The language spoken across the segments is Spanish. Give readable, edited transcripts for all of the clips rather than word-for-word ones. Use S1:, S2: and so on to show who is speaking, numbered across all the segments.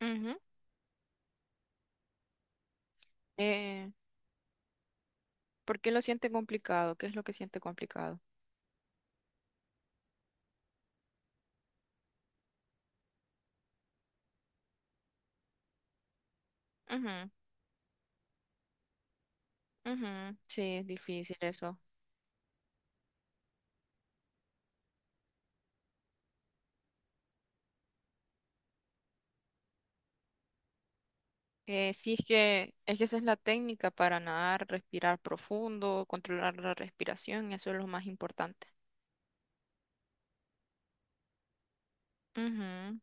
S1: Ujú. Eh, ¿Por qué lo siente complicado? ¿Qué es lo que siente complicado? Ujú, ujú. Sí, es difícil eso. Sí, es que esa es la técnica para nadar, respirar profundo, controlar la respiración, eso es lo más importante. Ujú.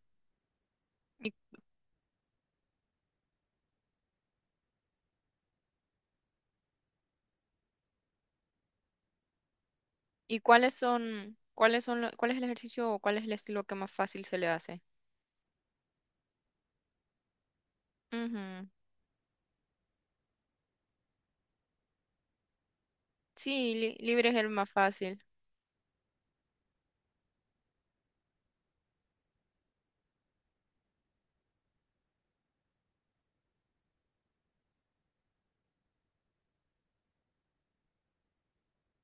S1: ¿Y, cuál es el ejercicio o cuál es el estilo que más fácil se le hace? Ujú. Sí, libre es el más fácil.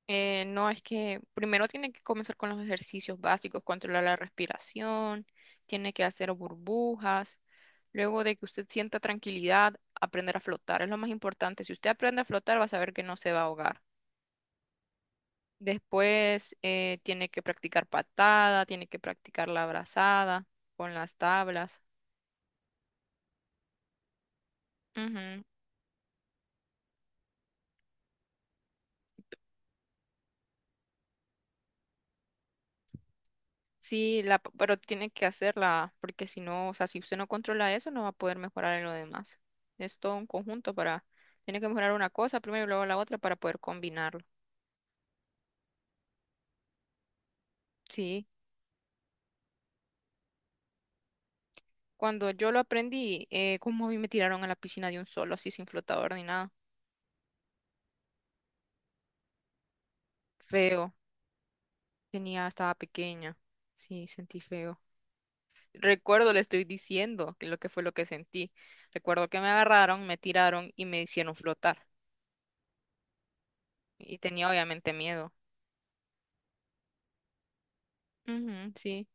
S1: No, es que primero tiene que comenzar con los ejercicios básicos, controlar la respiración, tiene que hacer burbujas. Luego de que usted sienta tranquilidad, aprender a flotar es lo más importante. Si usted aprende a flotar, va a saber que no se va a ahogar. Después tiene que practicar patada, tiene que practicar la abrazada con las tablas. Ujú. Sí, pero tiene que hacerla, porque si no, o sea, si usted no controla eso, no va a poder mejorar en lo demás. Es todo un conjunto para, tiene que mejorar una cosa primero y luego la otra para poder combinarlo. Sí, cuando yo lo aprendí, como a mí me tiraron a la piscina de un solo, así sin flotador ni nada. Feo, tenía, estaba pequeña. Sí, sentí feo. Recuerdo, le estoy diciendo que lo que fue lo que sentí. Recuerdo que me agarraron, me tiraron y me hicieron flotar. Y tenía obviamente miedo. Ujú, sí.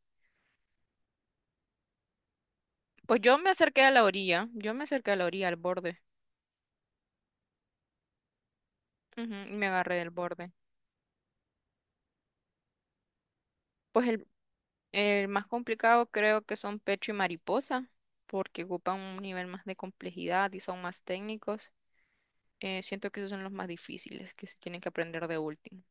S1: Pues yo me acerqué a la orilla, yo me acerqué a la orilla, al borde, ujú, y me agarré del borde. Pues el más complicado creo que son pecho y mariposa, porque ocupan un nivel más de complejidad y son más técnicos. Siento que esos son los más difíciles, que se tienen que aprender de último.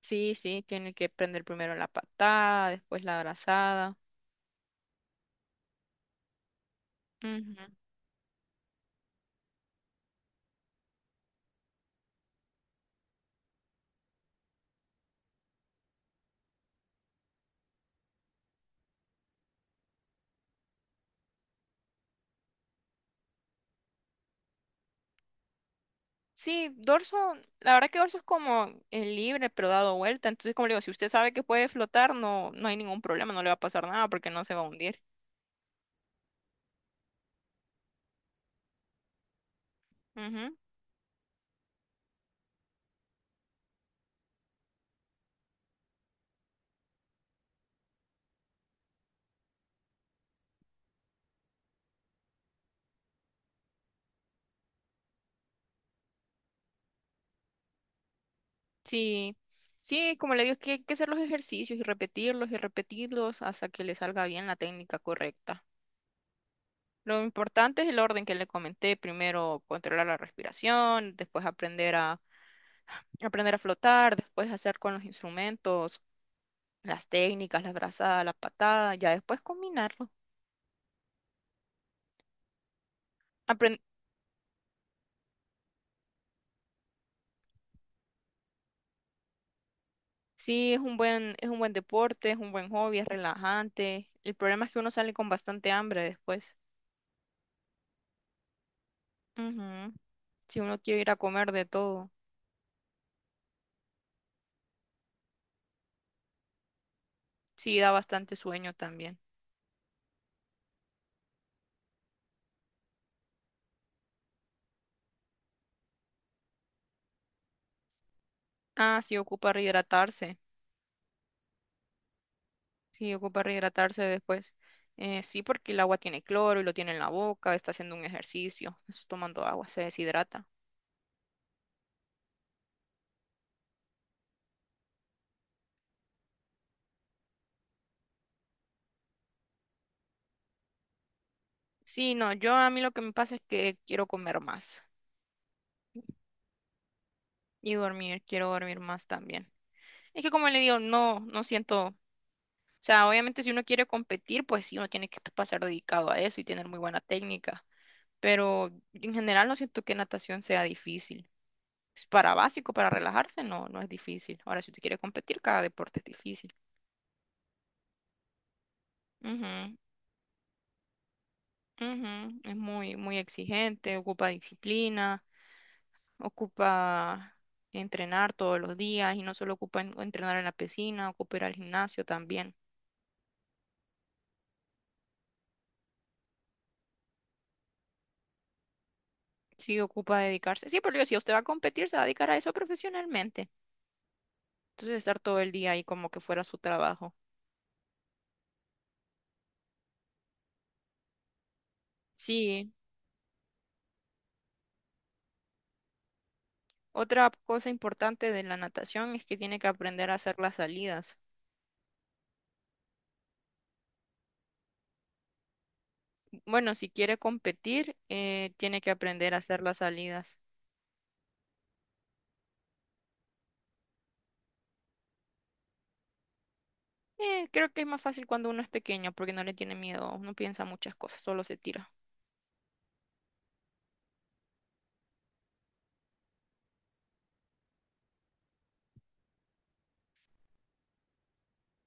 S1: Sí, sí, tienen que aprender primero la patada, después la abrazada. Ujú. Sí, dorso, la verdad que dorso es como el libre, pero dado vuelta. Entonces, como le digo, si usted sabe que puede flotar, no, no hay ningún problema, no le va a pasar nada porque no se va a hundir. Ujú, sí, sí, como le digo, es que hay que hacer los ejercicios y repetirlos hasta que le salga bien la técnica correcta. Lo importante es el orden que le comenté, primero controlar la respiración, después aprender a aprender a flotar, después hacer con los instrumentos, las técnicas, las brazadas, la patada, ya después combinarlo. Apren- sí, es un buen deporte, es un buen hobby, es relajante. El problema es que uno sale con bastante hambre después. Ujú, si uno quiere ir a comer de todo. Sí, da bastante sueño también. Ah, sí, ocupa rehidratarse. Sí, ocupa rehidratarse después. Sí, porque el agua tiene cloro y lo tiene en la boca, está haciendo un ejercicio, está tomando agua, se deshidrata. Sí, no, yo a mí lo que me pasa es que quiero comer más y dormir, quiero dormir más también. Es que como le digo, no, no siento, o sea, obviamente si uno quiere competir, pues sí, uno tiene que pasar dedicado a eso y tener muy buena técnica, pero en general no siento que natación sea difícil. Es para básico, para relajarse, no, no es difícil. Ahora, si usted quiere competir, cada deporte es difícil. Ujú, ujú, es muy, muy exigente, ocupa disciplina, ocupa entrenar todos los días y no solo ocupa entrenar en la piscina, ocupa ir al gimnasio también. Sí, ocupa dedicarse. Sí, pero si usted va a competir, se va a dedicar a eso profesionalmente. Entonces, estar todo el día ahí como que fuera su trabajo. Sí, otra cosa importante de la natación es que tiene que aprender a hacer las salidas. Bueno, si quiere competir, tiene que aprender a hacer las salidas. Creo que es más fácil cuando uno es pequeño porque no le tiene miedo, no piensa muchas cosas, solo se tira.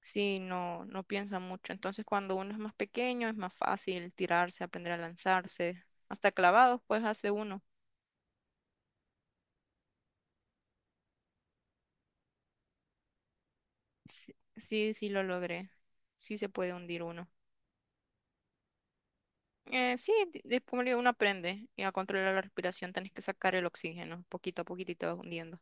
S1: Sí, no, no piensa mucho. Entonces, cuando uno es más pequeño, es más fácil tirarse, aprender a lanzarse. Hasta clavados, pues hace uno. Sí, sí, sí lo logré. Sí se puede hundir uno. Sí, como le digo, uno aprende y a controlar la respiración tenés que sacar el oxígeno poquito a poquito y te vas hundiendo.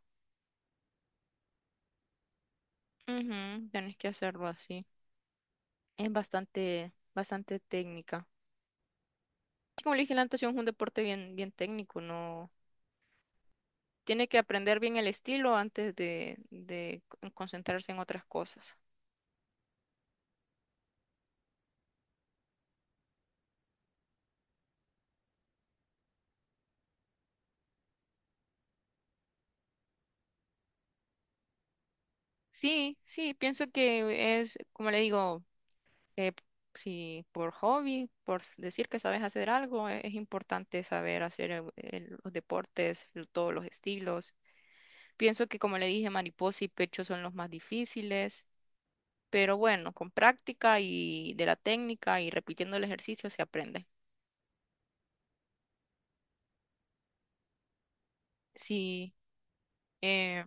S1: Ujú, tenés que hacerlo así. Es bastante, bastante técnica. Sí, como le dije, la natación es un deporte bien, bien técnico, no tiene que aprender bien el estilo antes de, concentrarse en otras cosas. Sí, sí, pienso que es, como le digo, eh, si por hobby, decir que sabes hacer algo, es, importante saber hacer los deportes, todos los estilos. Pienso que, como le dije, mariposa y pecho son los más difíciles. Pero bueno, con práctica y de la técnica y repitiendo el ejercicio se aprende. Sí, eh,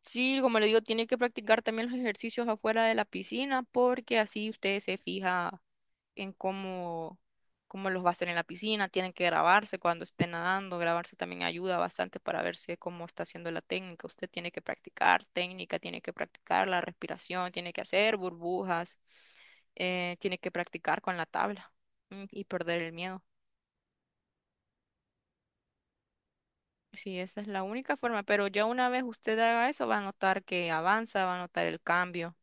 S1: sí, como le digo, tiene que practicar también los ejercicios afuera de la piscina porque así usted se fija en cómo, cómo los va a hacer en la piscina. Tienen que grabarse cuando esté nadando. Grabarse también ayuda bastante para verse cómo está haciendo la técnica. Usted tiene que practicar técnica, tiene que practicar la respiración, tiene que hacer burbujas, tiene que practicar con la tabla y perder el miedo. Sí, esa es la única forma, pero ya una vez usted haga eso, va a notar que avanza, va a notar el cambio.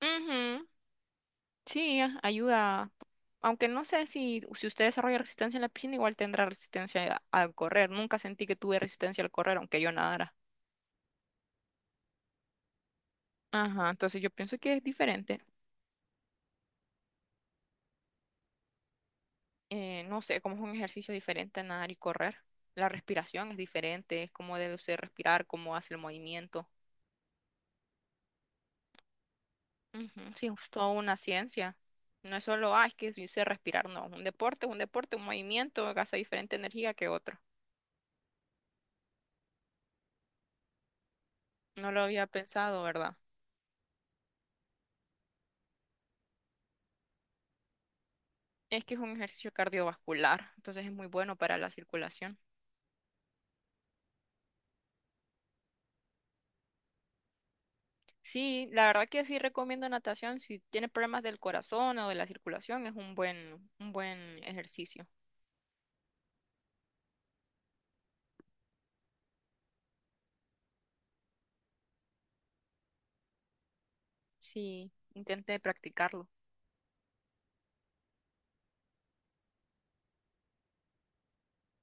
S1: Ujú, sí, ayuda. Aunque no sé si, si usted desarrolla resistencia en la piscina, igual tendrá resistencia al correr. Nunca sentí que tuve resistencia al correr, aunque yo nadara. Ajá, entonces yo pienso que es diferente. No sé, como es un ejercicio diferente a nadar y correr. La respiración es diferente, es cómo debe usted respirar, cómo hace el movimiento. Ujú, sí, es toda una ciencia. No es solo, ah, es que sí sé respirar, no. Un deporte, es un deporte, un movimiento gasta diferente energía que otro. No lo había pensado, ¿verdad? Es que es un ejercicio cardiovascular, entonces es muy bueno para la circulación. Sí, la verdad que sí recomiendo natación. Si tiene problemas del corazón o de la circulación, es un buen ejercicio. Sí, intenté practicarlo.